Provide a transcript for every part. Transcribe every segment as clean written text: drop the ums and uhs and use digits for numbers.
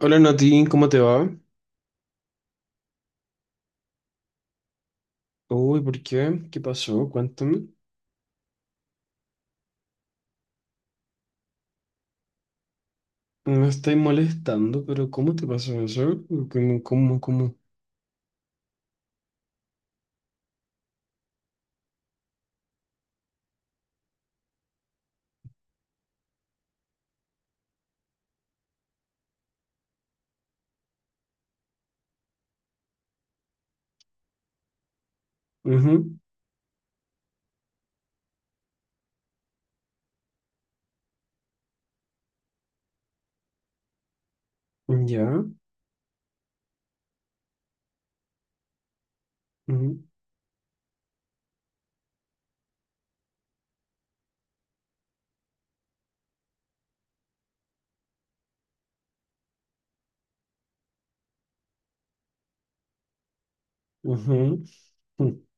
Hola Nati, ¿cómo te va? Uy, ¿por qué? ¿Qué pasó? Cuéntame. No me estoy molestando, pero ¿cómo te pasó eso? ¿Cómo, cómo, cómo? Ujú. Ya. Ujú. Ujú.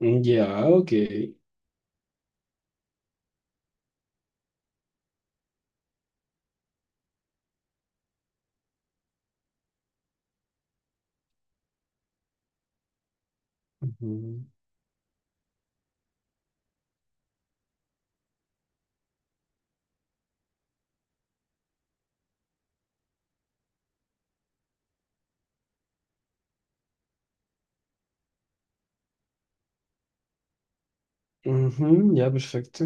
Ya, ok. Ujú. Ujú, ya, perfecto.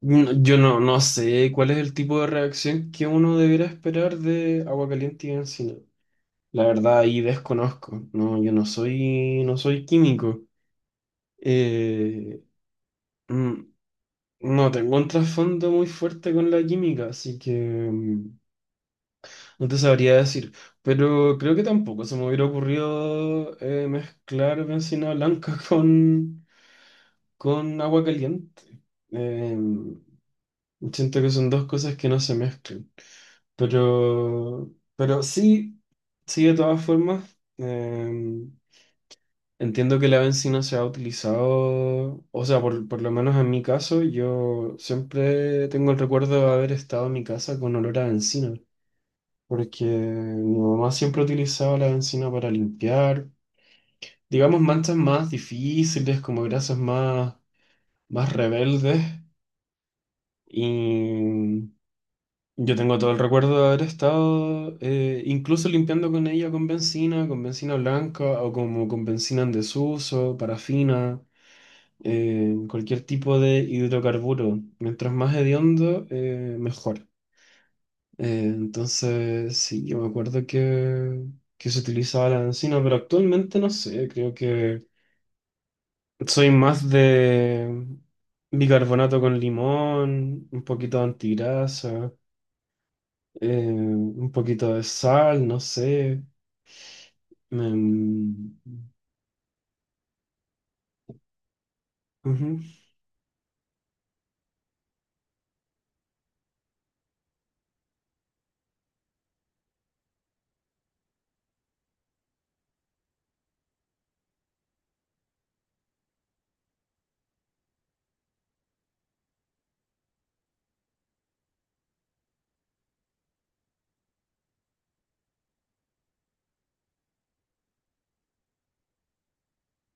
No, Yo no, no sé cuál es el tipo de reacción que uno debería esperar de agua caliente y encina. La verdad, ahí desconozco. No, yo no soy, no soy químico. Eh, mm, No tengo un trasfondo muy fuerte con la química, así que mm, no te sabría decir. Pero creo que tampoco se me hubiera ocurrido mezclar bencina blanca con agua caliente. Eh, Siento que son dos cosas que no se mezclan. Pero, pero sí, sí, de todas formas. Entiendo que la benzina se ha utilizado, o sea, por lo menos en mi caso, yo siempre tengo el recuerdo de haber estado en mi casa con olor a benzina, porque mi mamá siempre utilizaba la benzina para limpiar, digamos, manchas más difíciles, como grasas más, más rebeldes, y yo tengo todo el recuerdo de haber estado incluso limpiando con ella con benzina blanca o como con benzina en desuso, parafina. Cualquier tipo de hidrocarburo. Mientras más hediondo, mejor. Entonces, sí, yo me acuerdo que se utilizaba la encina, pero actualmente no sé, creo que soy más de bicarbonato con limón, un poquito de antigrasa, un poquito de sal, no sé. Em, ujú,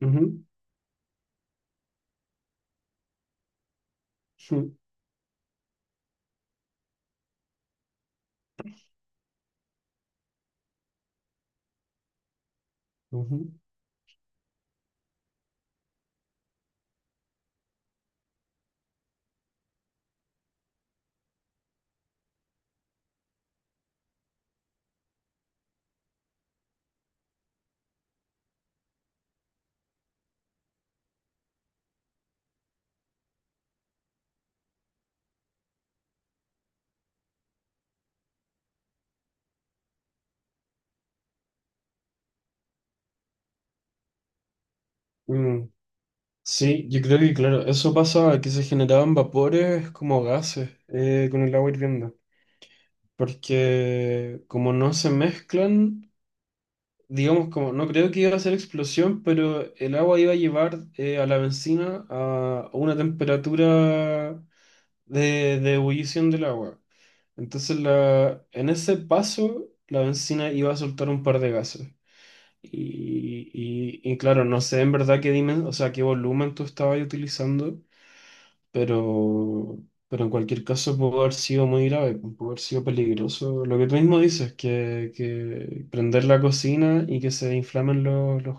ujú, ujú, ujú. Mm, sí, yo creo que claro, eso pasaba, que se generaban vapores como gases con el agua hirviendo, porque como no se mezclan, digamos como, no creo que iba a ser explosión, pero el agua iba a llevar a la bencina a una temperatura de ebullición del agua. Entonces la, en ese paso la bencina iba a soltar un par de gases. Y, y claro, no sé en verdad qué dimen, o sea, qué volumen tú estabas utilizando pero, pero en cualquier caso pudo haber sido muy grave, pudo haber sido peligroso. Lo que tú mismo dices, que prender la cocina y que se inflamen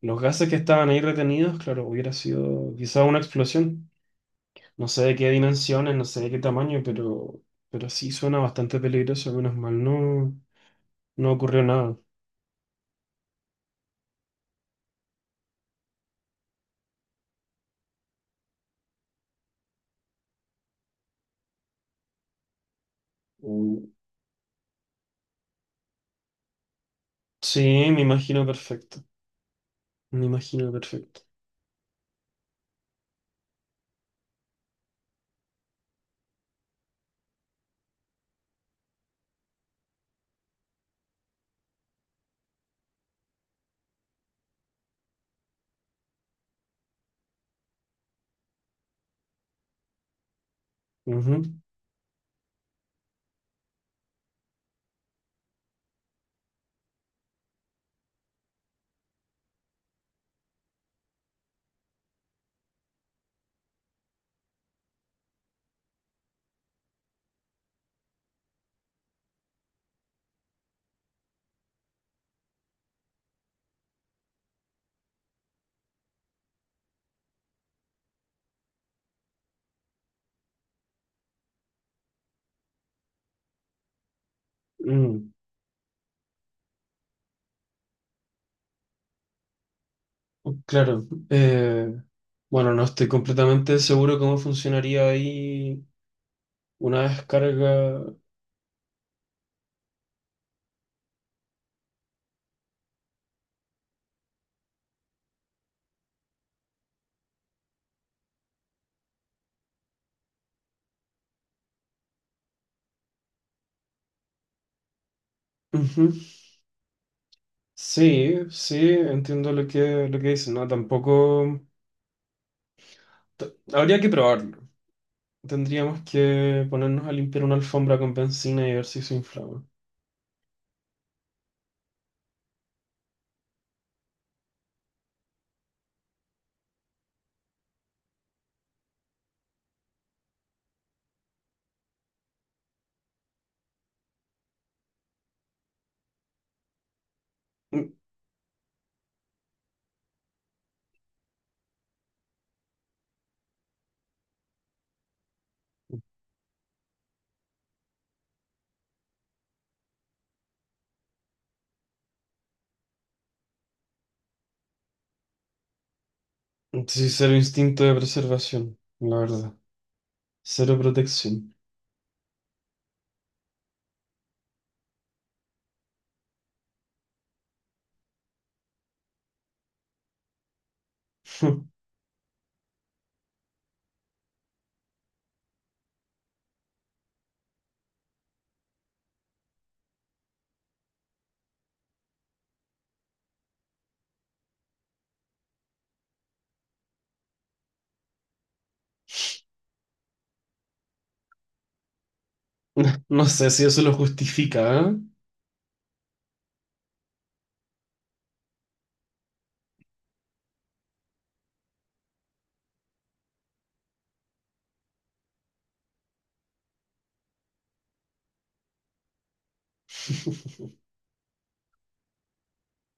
los gases que estaban ahí retenidos, claro, hubiera sido quizá una explosión. No sé de qué dimensiones, no sé de qué tamaño, pero sí suena bastante peligroso, menos mal, no, no ocurrió nada. Mm. Sí, me imagino perfecto, me imagino perfecto. Ujú. Mm. Claro, bueno, no estoy completamente seguro cómo funcionaría ahí una descarga. Ujú. Sí, sí, entiendo lo lo que dices, ¿no? Tampoco... t- habría que probarlo. Tendríamos que ponernos a limpiar una alfombra con benzina y ver si se inflama. Mm, sí, cero instinto de preservación, la verdad. Cero protección. No sé si eso lo justifica,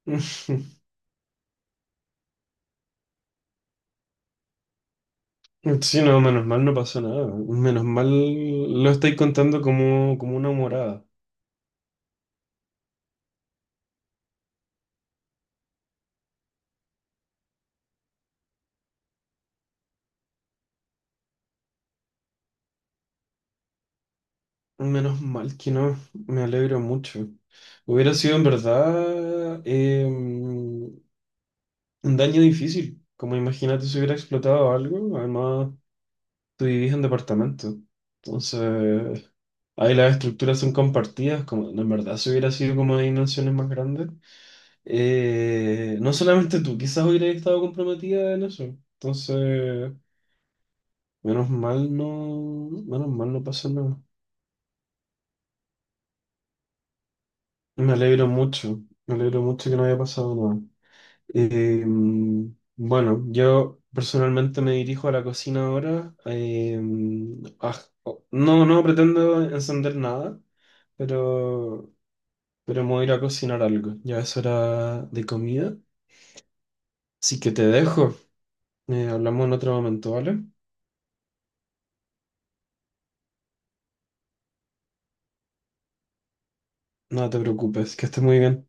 ¿eh? Sí, no, menos mal no pasó nada. Menos mal lo estáis contando como, como una morada. Menos mal que no. Me alegro mucho. Hubiera sido en verdad un daño difícil. Como imagínate si hubiera explotado algo. Además, tú vivís en departamento. Entonces, ahí las estructuras son compartidas. Como, en verdad, si hubiera sido como de dimensiones más grandes. No solamente tú, quizás hubieras estado comprometida en eso. Entonces... Menos mal no, menos mal no pasó nada. Me alegro mucho que no haya pasado nada. Eh, bueno, yo personalmente me dirijo a la cocina ahora. Ah, oh, no, no pretendo encender nada, pero, pero me voy a ir a cocinar algo. Ya es hora de comida, así que te dejo. Hablamos en otro momento, ¿vale? No te preocupes, que estés muy bien.